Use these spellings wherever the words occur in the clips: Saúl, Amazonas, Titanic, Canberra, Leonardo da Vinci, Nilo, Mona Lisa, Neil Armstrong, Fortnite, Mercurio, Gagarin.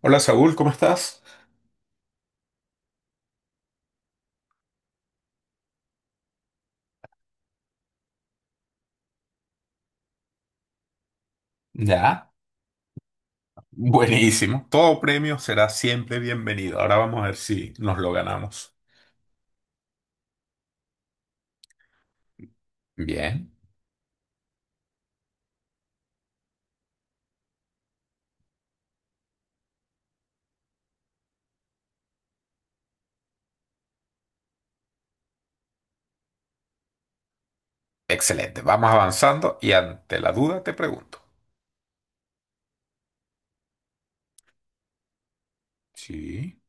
Hola Saúl, ¿cómo estás? Ya. Buenísimo. Todo premio será siempre bienvenido. Ahora vamos a ver si nos lo ganamos. Bien. Excelente. Vamos avanzando y ante la duda te pregunto. Sí.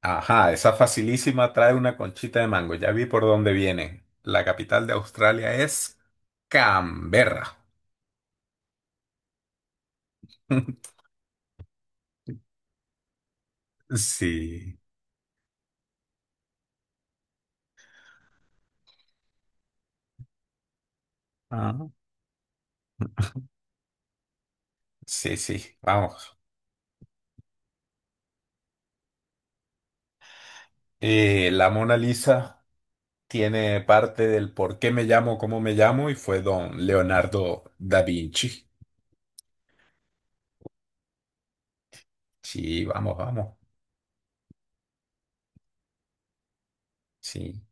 Ajá, esa facilísima trae una conchita de mango. Ya vi por dónde vienen. La capital de Australia es Canberra. Sí. Ah. Sí, sí. Vamos. La Mona Lisa tiene parte del por qué me llamo, cómo me llamo, y fue don Leonardo da Vinci. Sí, vamos, vamos. Sí,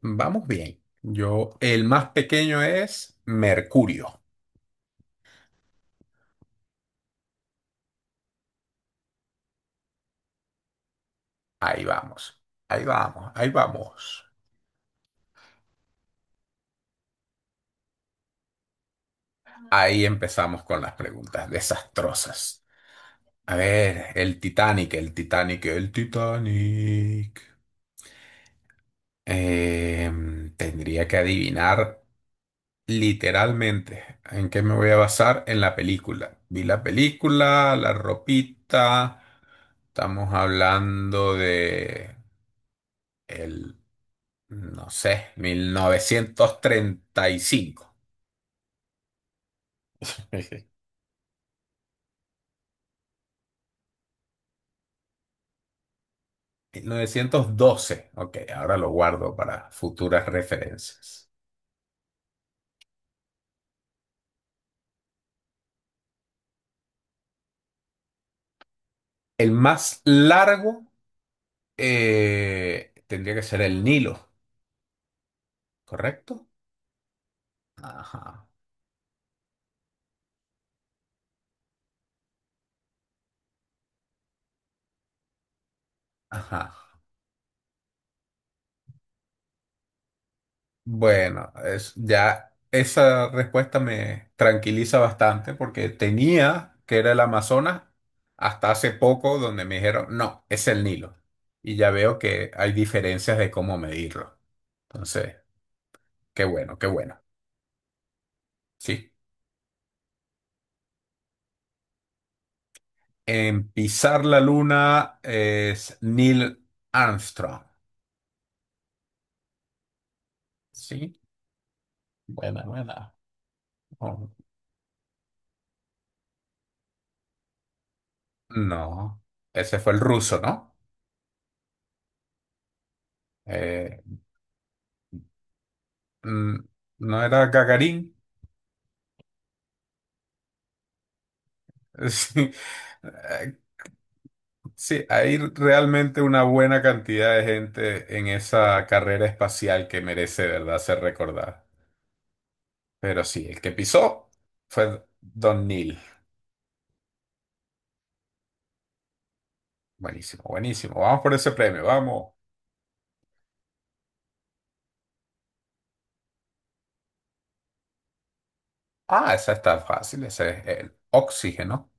vamos bien. Yo, el más pequeño es Mercurio. Ahí vamos, ahí vamos, ahí vamos. Ahí empezamos con las preguntas desastrosas. A ver, el Titanic, el Titanic, el Titanic. Tendría que adivinar. Literalmente, ¿en qué me voy a basar? En la película. Vi la película, la ropita, estamos hablando de el, no sé, mil novecientos treinta y cinco. 1912. Ok, ahora lo guardo para futuras referencias. El más largo tendría que ser el Nilo, ¿correcto? Ajá, ajá. Bueno, es, ya esa respuesta me tranquiliza bastante porque tenía que era el Amazonas hasta hace poco donde me dijeron, no, es el Nilo. Y ya veo que hay diferencias de cómo medirlo. Entonces, qué bueno, qué bueno. Sí. En pisar la luna es Neil Armstrong. Sí. Buena, buena. Oh, no, ese fue el ruso, ¿no? Eh, mm, ¿No era Gagarin? Sí, eh, sí, hay realmente una buena cantidad de gente en esa carrera espacial que merece, de verdad, ser recordada. Pero sí, el que pisó fue Don Neil. Buenísimo, buenísimo. Vamos por ese premio, vamos. Ah, esa está fácil, ese es el oxígeno.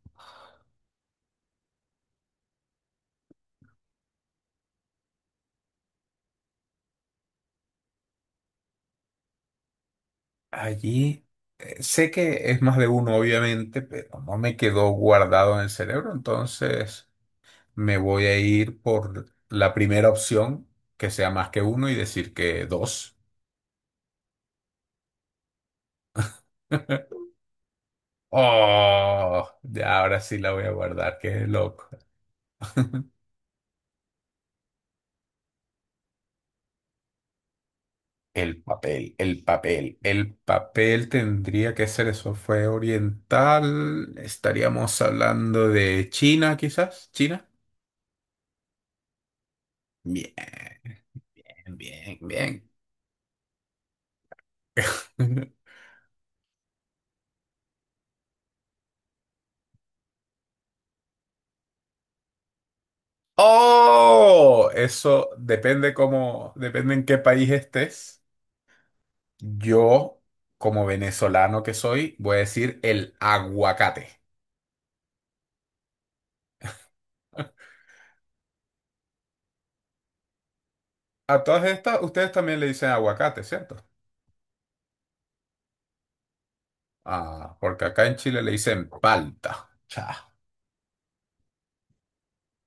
Allí sé que es más de uno, obviamente, pero no me quedó guardado en el cerebro, entonces... me voy a ir por la primera opción, que sea más que uno y decir que dos. Oh, ya ahora sí la voy a guardar, qué loco. El papel, el papel, el papel tendría que ser eso, fue oriental, estaríamos hablando de China quizás, China. Bien, bien, bien. Oh, eso depende cómo, depende en qué país estés. Yo, como venezolano que soy, voy a decir el aguacate. A todas estas, ustedes también le dicen aguacate, ¿cierto? Ah, porque acá en Chile le dicen palta. Cha.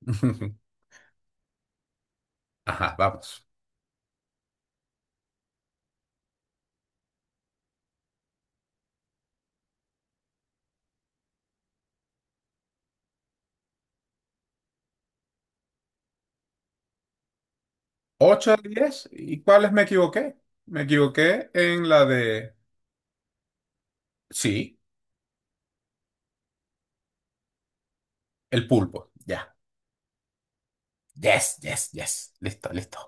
Ajá, vamos. Ocho de diez. ¿Y cuáles me equivoqué? Me equivoqué en la de... Sí, el pulpo. Ya. Yes, yes, yes. Listo, listo.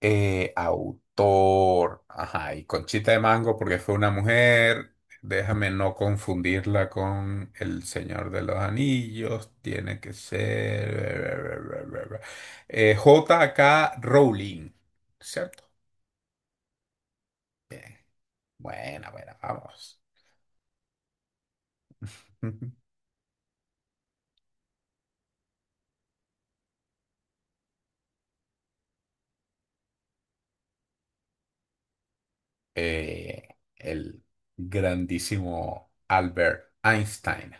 Autor. Ajá, y Conchita de Mango porque fue una mujer. Déjame no confundirla con El Señor de los Anillos. Tiene que ser... J.K. Rowling. ¿Cierto? Bien. Buena, buena, vamos. Eh, el grandísimo Albert Einstein.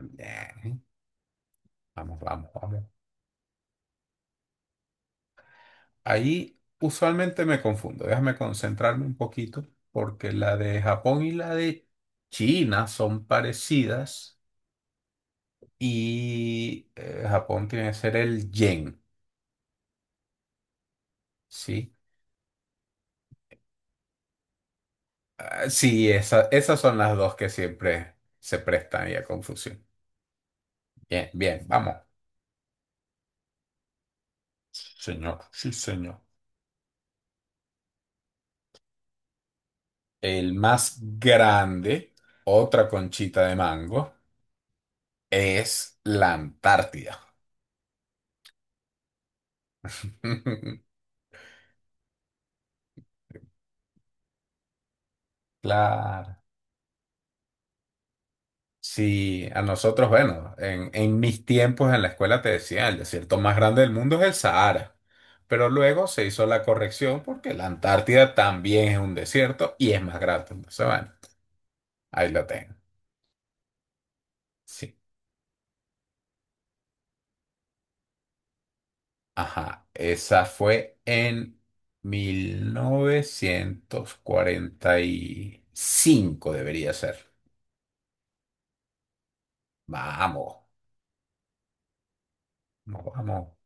Bien. Vamos, vamos, vamos. Ahí usualmente me confundo. Déjame concentrarme un poquito porque la de Japón y la de China son parecidas y Japón tiene que ser el yen, ¿sí? Ah, sí, esas son las dos que siempre se prestan ahí a confusión. Bien, bien, vamos. Señor, sí, señor. El más grande, otra conchita de mango, es la Antártida. Claro. Si a nosotros, bueno, en mis tiempos en la escuela te decía, el desierto más grande del mundo es el Sahara, pero luego se hizo la corrección porque la Antártida también es un desierto y es más grande. Entonces, bueno, ahí lo tengo. Sí. Ajá, esa fue en 1945 debería ser. Vamos, vamos.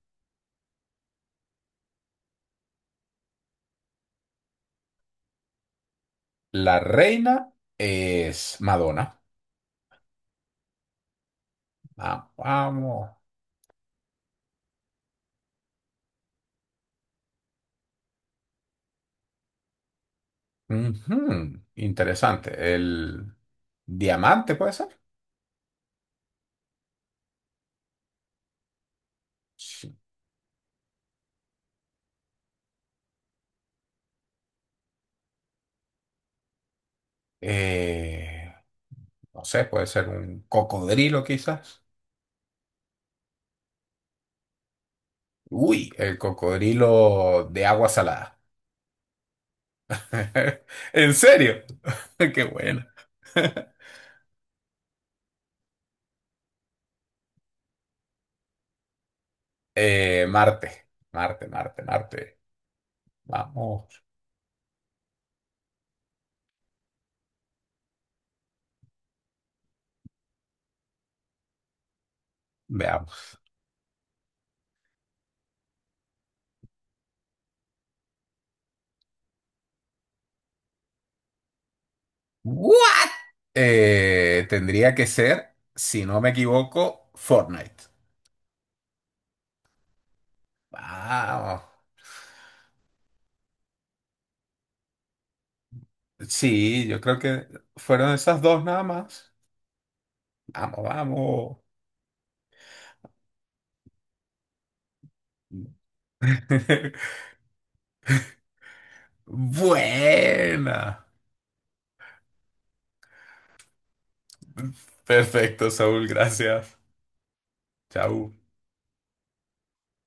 La reina es Madonna. Vamos, vamos. Ujú, interesante. El diamante puede ser. Sí. Eh, no sé, puede ser un cocodrilo quizás. Uy, el cocodrilo de agua salada. ¿En serio? Qué bueno. Marte, Marte, Marte, Marte. Vamos, veamos. ¿What? Tendría que ser, si no me equivoco, Fortnite. Vamos. Sí, yo creo que fueron esas dos nada más. Vamos, vamos. Buena. Perfecto, Saúl, gracias. Chau.